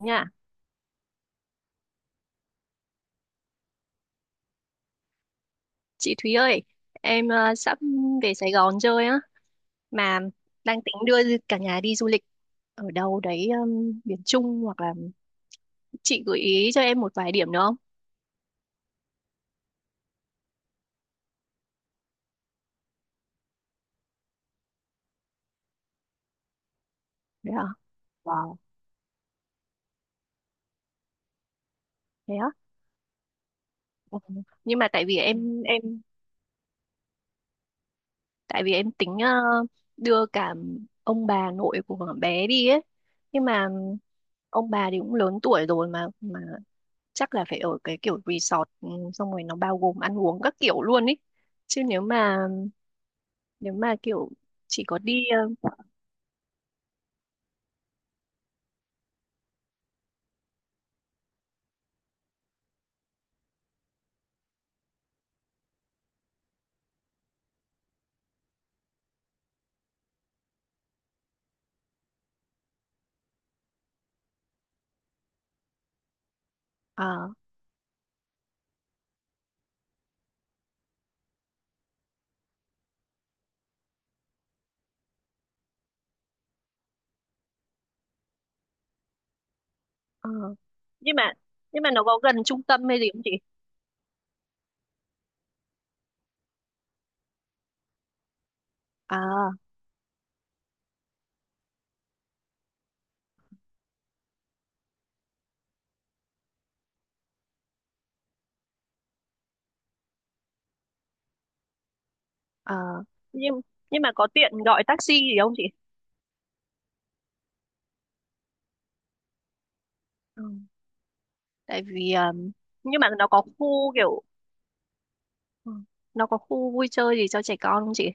Nha, chị Thúy ơi, em sắp về Sài Gòn chơi á, mà đang tính đưa cả nhà đi du lịch ở đâu đấy miền Trung hoặc là chị gợi ý cho em một vài điểm được không? Đấy à? Wow. Thế á? Ừ. Nhưng mà tại vì em tại vì em tính đưa cả ông bà nội của bé đi ấy, nhưng mà ông bà thì cũng lớn tuổi rồi mà chắc là phải ở cái kiểu resort xong rồi nó bao gồm ăn uống các kiểu luôn ấy chứ nếu mà kiểu chỉ có đi à, à. nhưng mà nhưng mà nó có gần trung tâm hay gì không chị? À à. nhưng nhưng mà có tiện gọi taxi gì không chị? Ừ. Tại vì nhưng mà nó có khu kiểu ừ, nó có khu vui chơi gì cho trẻ con không chị?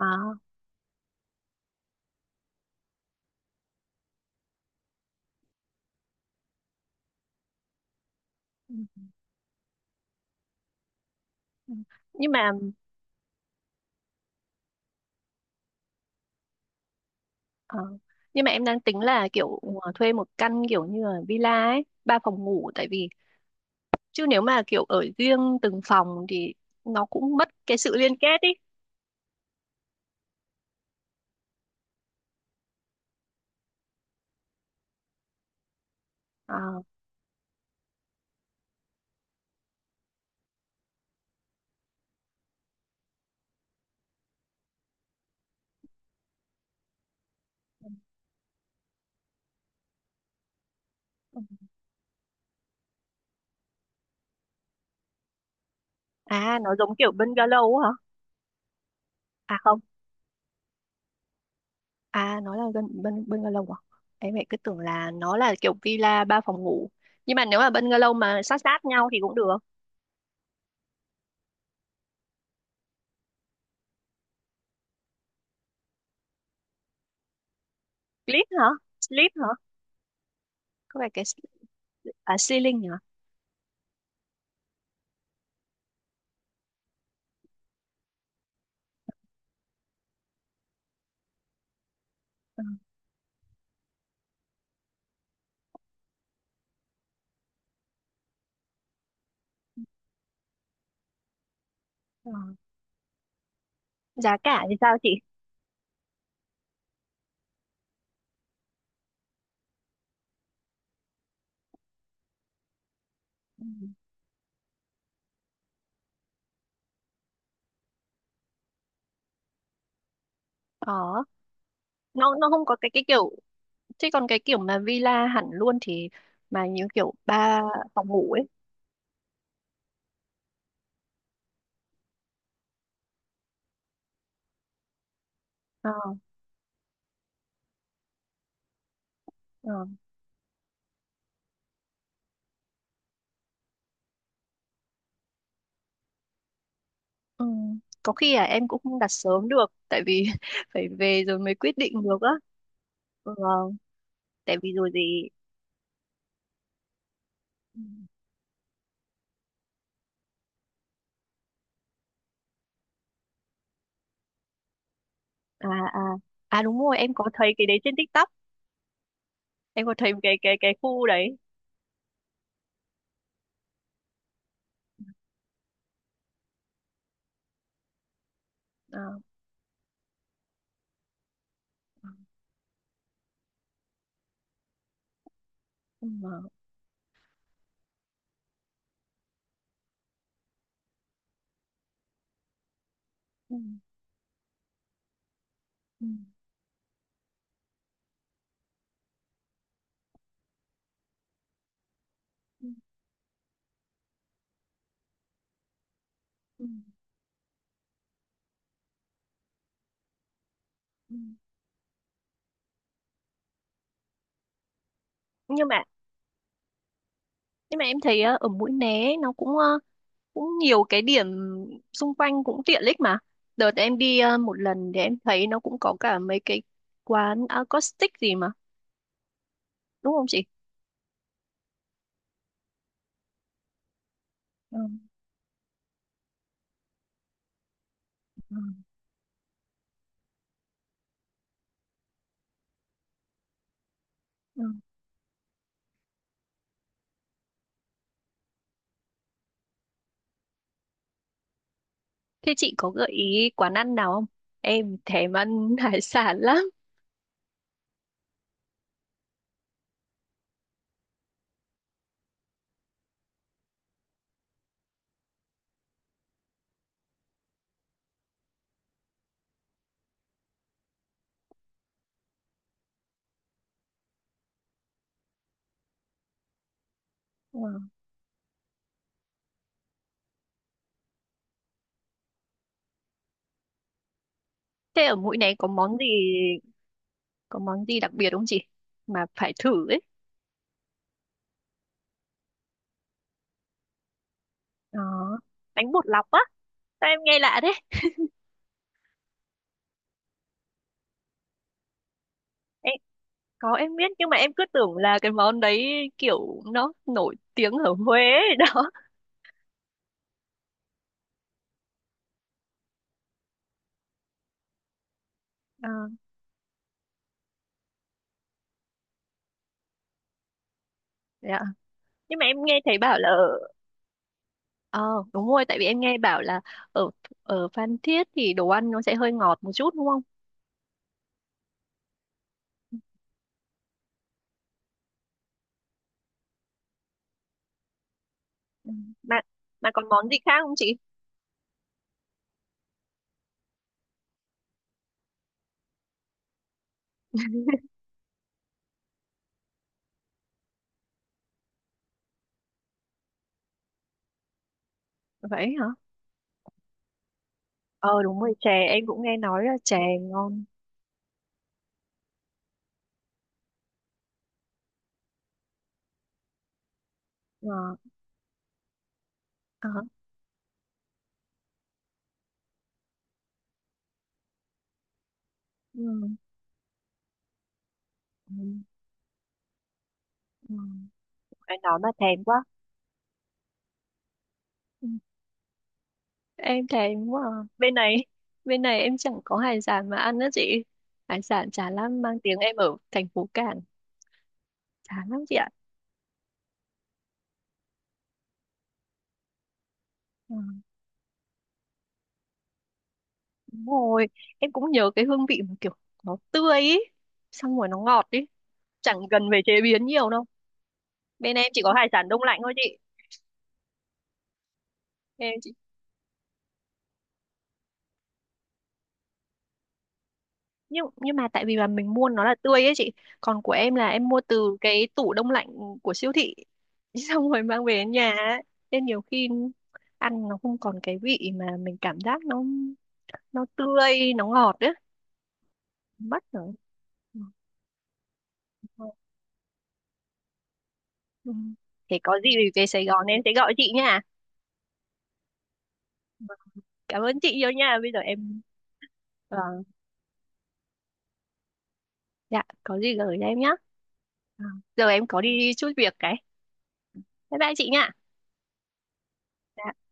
À ừ, ừ. Nhưng mà ờ, nhưng mà em đang tính là kiểu thuê một căn kiểu như là villa ấy ba phòng ngủ, tại vì chứ nếu mà kiểu ở riêng từng phòng thì nó cũng mất cái sự liên kết ý. À, à, nó giống kiểu bungalow á hả? À không, à nó là gần bungalow à? Em lại cứ tưởng là nó là kiểu villa ba phòng ngủ. Nhưng mà nếu mà bungalow mà sát sát nhau thì cũng được. Split hả? Split hả? Có phải cái s- À, ceiling hả? Ừ. Ờ. Giá cả thì sao chị? Ừ. Ờ, nó không có cái kiểu chứ còn cái kiểu mà villa hẳn luôn thì mà những kiểu ba phòng ngủ ấy. Ờ, ờ. Ừ. Có khi là em cũng không đặt sớm được tại vì phải về rồi mới quyết định được á. Ừ, tại vì rồi gì à à à đúng rồi em có thấy cái đấy trên TikTok, em có thấy cái khu đấy. À, ừ, ừ, ừ, ừ, ừ, ừ. nhưng mà nhưng mà em thấy ở Mũi Né nó cũng cũng nhiều cái điểm xung quanh cũng tiện ích mà đợt em đi một lần thì em thấy nó cũng có cả mấy cái quán acoustic gì mà đúng không chị? Ừ. Ừ. Thế chị có gợi ý quán ăn nào không? Em thèm ăn hải sản lắm. Ừ. Thế ở Mũi Né có món gì, có món gì đặc biệt không chị? Mà phải thử ấy. Đó. Bánh bột lọc á. Sao em nghe lạ thế? Em, có em biết nhưng mà em cứ tưởng là cái món đấy kiểu nó nổi tiếng ở Huế ấy đó. Ờ, dạ. Nhưng mà em nghe thấy bảo là ở ờ đúng rồi tại vì em nghe bảo là ở ở Phan Thiết thì đồ ăn nó sẽ hơi ngọt một chút đúng không? Ừ. Mà mà còn món gì khác không chị? Vậy hả? Ờ đúng rồi, chè em cũng nghe nói là chè ngon. Ờ, ờ, ừ, ừ, ừ. Em nói mà thèm quá. Ừ, em thèm quá. À. Bên này, bên này em chẳng có hải sản mà ăn đó chị. Hải sản chả lắm mang tiếng em ở thành phố Cảng. Chả lắm chị ạ. Ừ, đúng rồi, em cũng nhớ cái hương vị mà kiểu nó tươi ý. Xong rồi nó ngọt ý. Chẳng cần phải chế biến nhiều đâu. Bên em chỉ có hải sản đông lạnh thôi chị. Em nhưng mà tại vì là mình mua nó là tươi ấy chị, còn của em là em mua từ cái tủ đông lạnh của siêu thị xong rồi mang về đến nhà ấy. Nên nhiều khi ăn nó không còn cái vị mà mình cảm giác nó tươi nó ngọt ấy mất rồi. Ừ. Ừ. Thế có gì thì về Sài Gòn em sẽ gọi chị nha. Vâng, cảm ơn chị nhiều nha, bây giờ em Vâng. Dạ có gì gửi cho em nhé, giờ em có đi chút việc cái bye bye chị nha. Dạ.